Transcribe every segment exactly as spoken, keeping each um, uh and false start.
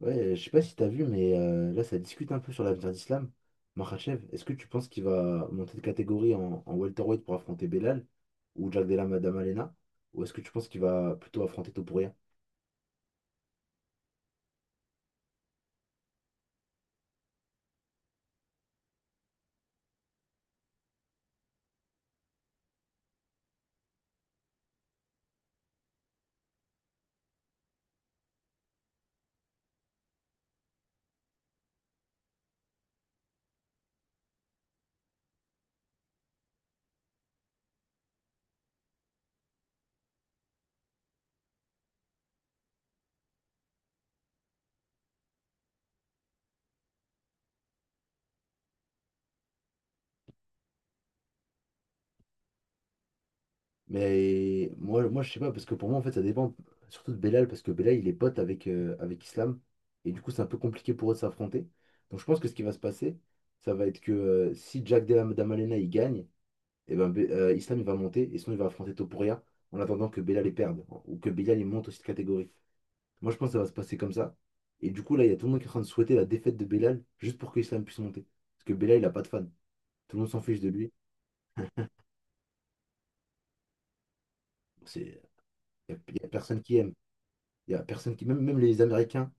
Ouais, euh, je sais pas si t'as vu, mais euh, là, ça discute un peu sur l'avenir d'Islam. Makhachev, est-ce que tu penses qu'il va monter de catégorie en, en welterweight pour affronter Belal ou Jack Della Madama? Ou est-ce que tu penses qu'il va plutôt affronter Topuria? Mais moi, moi, je sais pas, parce que pour moi, en fait, ça dépend surtout de Belal, parce que Belal, il est pote avec, euh, avec Islam, et du coup, c'est un peu compliqué pour eux de s'affronter. Donc, je pense que ce qui va se passer, ça va être que euh, si Jack Della Madama il gagne, et ben, Be- euh, Islam il va monter et sinon il va affronter Topuria en attendant que Bella les perde, hein, ou que Bella les monte aussi de catégorie. Moi je pense que ça va se passer comme ça. Et du coup là il y a tout le monde qui est en train de souhaiter la défaite de Bellal juste pour que Islam puisse monter. Parce que Bellal il a pas de fan. Tout le monde s'en fiche de lui. C'est. Il n'y a, il y a personne qui aime. Il y a personne qui... Même, même les Américains,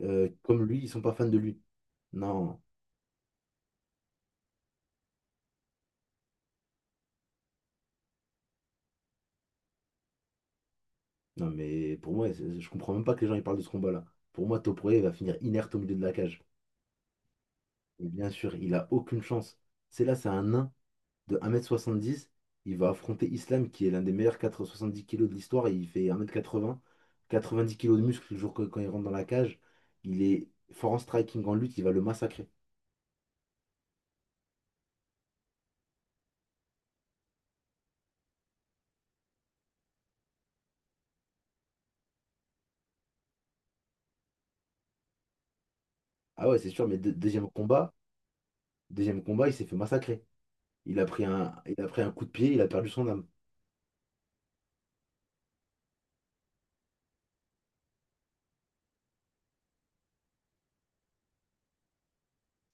euh, comme lui ils sont pas fans de lui. Non, non, mais pour moi c'est- je comprends même pas que les gens ils parlent de ce combat-là. Pour moi Topuria il va finir inerte au milieu de la cage. Et bien sûr il a aucune chance. C'est là, c'est un nain de un mètre soixante-dix. Il va affronter Islam, qui est l'un des meilleurs quatre cent soixante-dix kilos de l'histoire, et il fait un quatre quatre-vingt-dix kilos de muscle le jour que- quand il rentre dans la cage. Il est fort en striking, en lutte, il va le massacrer. Ah ouais, c'est sûr, mais deux- deuxième combat, deuxième combat, il s'est fait massacrer. Il a pris un, il a pris un coup de pied, il a perdu son âme.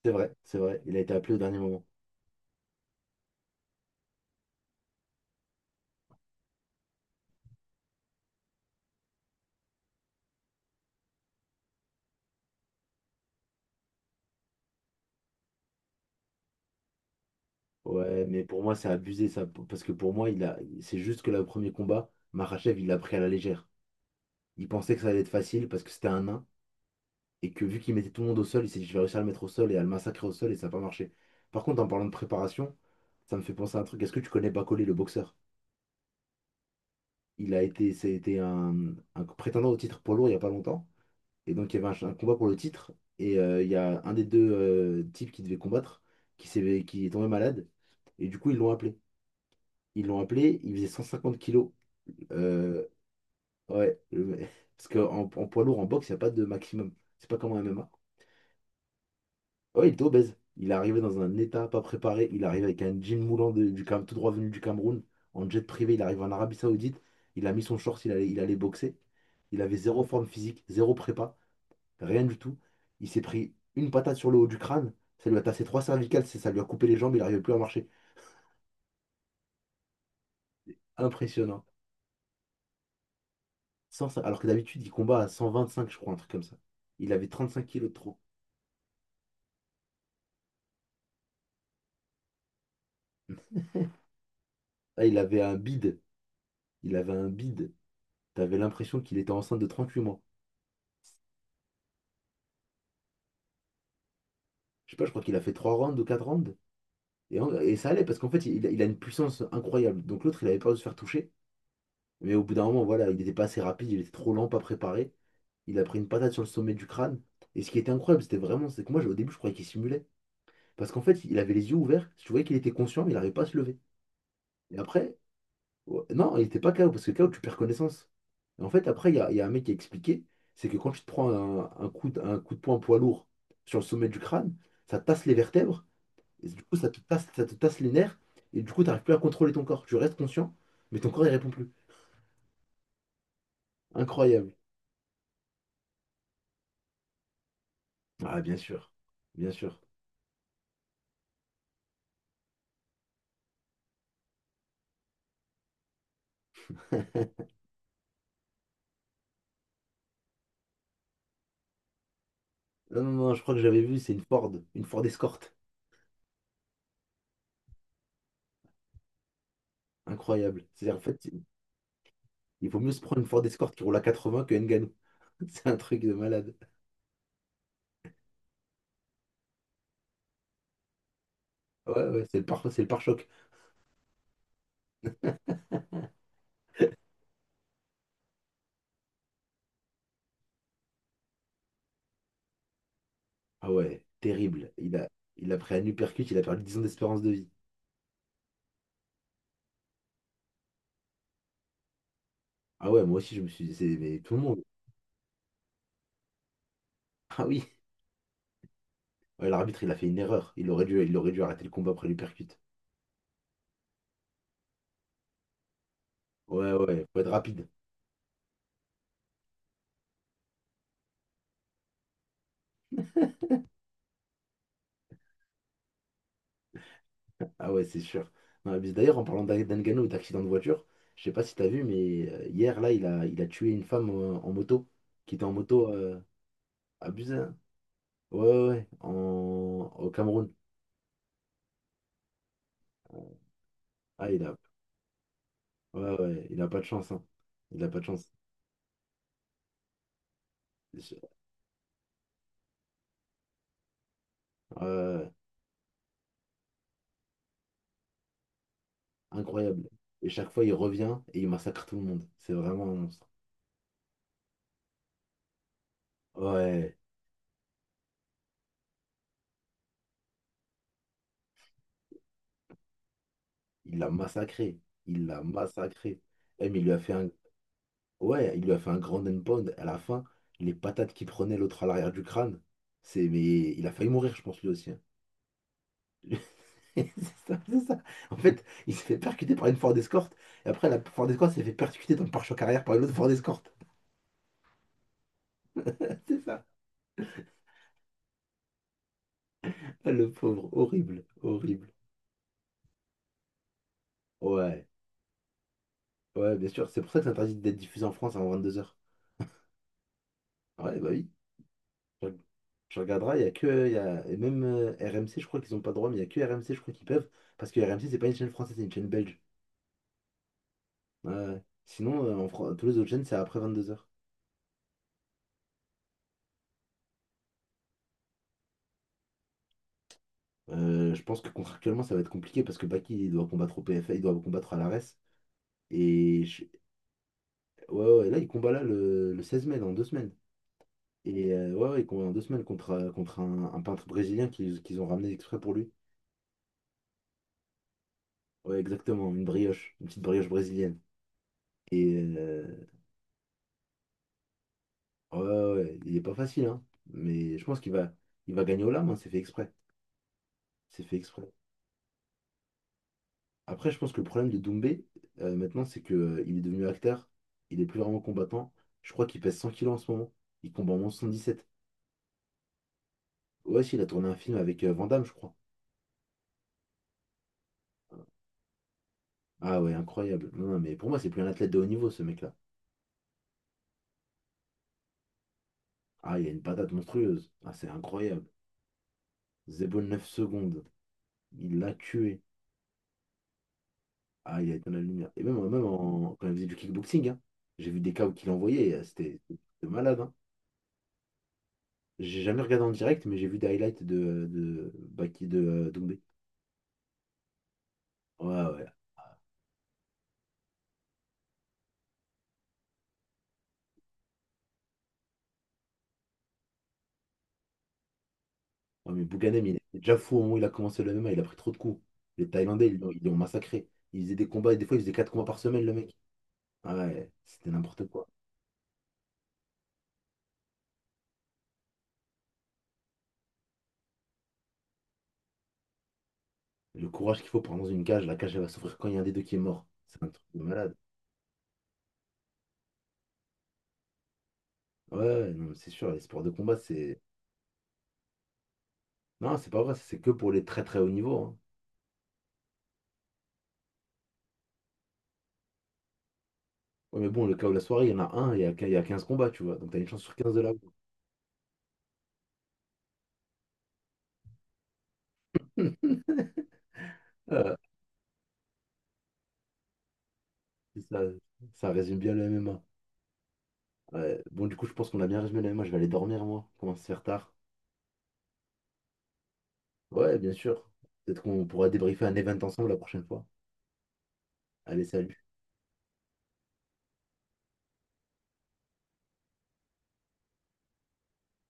C'est vrai, c'est vrai, il a été appelé au dernier moment. Ouais, mais pour moi, c'est abusé, ça, p- parce que pour moi, il a, c'est juste que le premier combat, Makhachev, il l'a pris à la légère. Il pensait que ça allait être facile parce que c'était un nain. Et que vu qu'il mettait tout le monde au sol, il s'est dit je vais réussir à le mettre au sol et à le massacrer au sol, et ça n'a pas marché. Par contre, en parlant de préparation, ça me fait penser à un truc. Est-ce que tu connais Bacolé, le boxeur? Il a été, c'était un, un prétendant au titre poids lourd il n'y a pas longtemps. Et donc, il y avait un, un combat pour le titre. Et euh, il y a un des deux euh, types qui devait combattre, qui s'est, qui est tombé malade. Et du coup, ils l'ont appelé. Ils l'ont appelé, il faisait cent cinquante kilos. Euh, ouais, le- parce qu'en en en poids lourd, en boxe, il n'y a pas de maximum. C'est pas comme en M M A. Ouais, il était obèse. Il est arrivé dans un état pas préparé. Il arrive avec un jean moulant de- du Cam, tout droit venu du Cameroun, en jet privé. Il arrive en Arabie Saoudite. Il a mis son short, il allait, il allait boxer. Il avait zéro forme physique, zéro prépa, rien du tout. Il s'est pris une patate sur le haut du crâne. Ça lui a tassé trois cervicales, c'est- ça lui a coupé les jambes, il n'arrivait plus à marcher. Impressionnant. Sans ça- Alors que d'habitude, il combat à cent vingt-cinq, je crois, un truc comme ça. Il avait trente-cinq kilos de trop. Ah, il avait un bide. Il avait un bide. T'avais l'impression qu'il était enceinte de trente-huit mois. Je sais pas, je crois qu'il a fait trois rounds ou quatre rounds. Et, en- et ça allait parce qu'en fait, il, il a une puissance incroyable. Donc l'autre, il avait peur de se faire toucher. Mais au bout d'un moment, voilà, il n'était pas assez rapide, il était trop lent, pas préparé. Il a pris une patate sur le sommet du crâne. Et ce qui était incroyable, c'était vraiment, c'est que moi, au début, je croyais qu'il simulait. Parce qu'en fait, il avait les yeux ouverts. Tu voyais qu'il était conscient, mais il n'arrivait pas à se lever. Et après, ouais, non, il n'était pas K O parce que K O, tu perds connaissance. Et en fait, après, il y a, il y a un mec qui a expliqué, c'est que quand tu te prends un, un coup de, un coup de poing poids lourd sur le sommet du crâne, ça tasse les vertèbres. Et du coup, ça te tasse, ça te tasse les nerfs. Et du coup, tu n'arrives plus à contrôler ton corps. Tu restes conscient, mais ton corps, il répond plus. Incroyable. Ah, bien sûr. Bien sûr. Non, non, non, je crois que j'avais vu, c'est une Ford. Une Ford Escort. Incroyable. C'est-à-dire, en fait, il vaut mieux se prendre une Ford Escort qui roule à quatre-vingts que Ngannou. C'est un truc de malade. Ouais, ouais, c'est le pare, c'est le pare-choc. Ah ouais, terrible. Il a, il a pris un uppercut, il a perdu dix ans d'espérance de vie. Ah ouais, moi aussi, je me suis dit, c'est- mais tout le monde. Ah oui. Ouais, l'arbitre, il a fait une erreur. Il aurait dû, il aurait dû arrêter le combat après l'uppercut. Ouais, ouais, faut être rapide. Ah ouais, c'est sûr. Non, mais d'ailleurs, en parlant d'A- d'Ngannou et d'accident de voiture, je sais pas si t'as vu, mais euh, hier, là, il a, il a tué une femme, euh, en moto, qui était en moto, euh, abusée, hein. Ouais, ouais, ouais, en... au Cameroun. Ah, il a. Ouais, ouais, il a pas de chance, hein. Il a pas de chance. Euh, Incroyable. Et chaque fois, il revient et il massacre tout le monde. C'est vraiment un monstre. Ouais, il l'a massacré. Il l'a massacré. Eh, mais il lui a fait un Ouais, il lui a fait un grand end pound. À la fin, les patates qu'il prenait l'autre à l'arrière du crâne. C'est. Mais il a failli mourir, je pense, lui aussi, hein. C'est ça, c'est ça. En fait, il s'est fait percuter par une Ford Escort. Et après, la Ford Escort s'est fait percuter dans le pare-choc arrière par une autre Ford Escort. C'est ça. Le pauvre. Horrible. Horrible. Ouais. Ouais, bien sûr. C'est pour ça que c'est interdit d'être diffusé en France avant vingt-deux heures. Ah ouais, bah oui. Je, je regarderai. Il y a que. Il Y a, Et même euh, R M C, je crois qu'ils n'ont pas le droit, mais il y a que R M C, je crois qu'ils peuvent. Parce que R M C, c'est pas une chaîne française, c'est une chaîne belge. Ouais. Ouais. Sinon, euh, en Fran- tous les autres chaînes, c'est après vingt-deux heures. Je pense que contractuellement, ça va être compliqué parce que Baki, il doit combattre au P F A, il doit combattre à l'ARES. Et je- ouais, ouais, là, il combat là le, le seize mai, dans deux semaines. Et euh, ouais, ouais, il combat dans deux semaines contre, euh, contre un, un peintre brésilien qu'ils qu'ils ont ramené exprès pour lui. Ouais, exactement, une brioche, une petite brioche brésilienne. Et euh, ouais, ouais, ouais, il est pas facile, hein. Mais je pense qu'il va, il va gagner au lame, hein, c'est fait exprès. C'est fait exprès. Après, je pense que le problème de Doumbé, euh, maintenant, c'est que, euh, il est devenu acteur. Il est plus vraiment combattant. Je crois qu'il pèse cent kilos en ce moment. Il combat en cent soixante-dix-sept. Ouais, si, il a tourné un film avec euh, Van Damme, je crois. Ah ouais, incroyable. Non, non, mais pour moi, c'est plus un athlète de haut niveau, ce mec-là. Ah, il a une patate monstrueuse. Ah, c'est incroyable. Zebo neuf secondes. Il l'a tué. Ah, il a éteint la lumière. Et même, même en- quand il faisait du kickboxing, hein, j'ai vu des K O qu'il envoyait. euh, C'était c'était malade, hein. J'ai jamais regardé en direct, mais j'ai vu des highlights de, de, Baki- de, euh, Doumbé. Ouais, ouais. Ouais, mais Bouganem, il était déjà fou au moment où il a commencé le M M A, il a pris trop de coups. Les Thaïlandais, ils l'ont ils l'ont massacré. Il faisait des combats, et des fois, il faisait quatre combats par semaine, le mec. Ah ouais, c'était n'importe quoi. Le courage qu'il faut pour rentrer dans une cage, la cage, elle va s'ouvrir quand il y a un des deux qui est mort. C'est un truc de malade. Ouais, ouais, non, mais c'est sûr, les sports de combat, c'est. Non, c'est pas vrai, c'est que pour les très très hauts niveaux, hein. Ouais, mais bon, le cas où la soirée, il y en a un, il y a, quin- il y a quinze combats, tu vois. Donc t'as une chance sur quinze de l'avoir. Euh, c'est ça, ça résume bien le M M A. Ouais, bon, du coup, je pense qu'on a bien résumé le M M A. Je vais aller dormir, moi. Commence à se faire tard. Ouais, bien sûr. Peut-être qu'on pourra débriefer un event ensemble la prochaine fois. Allez, salut.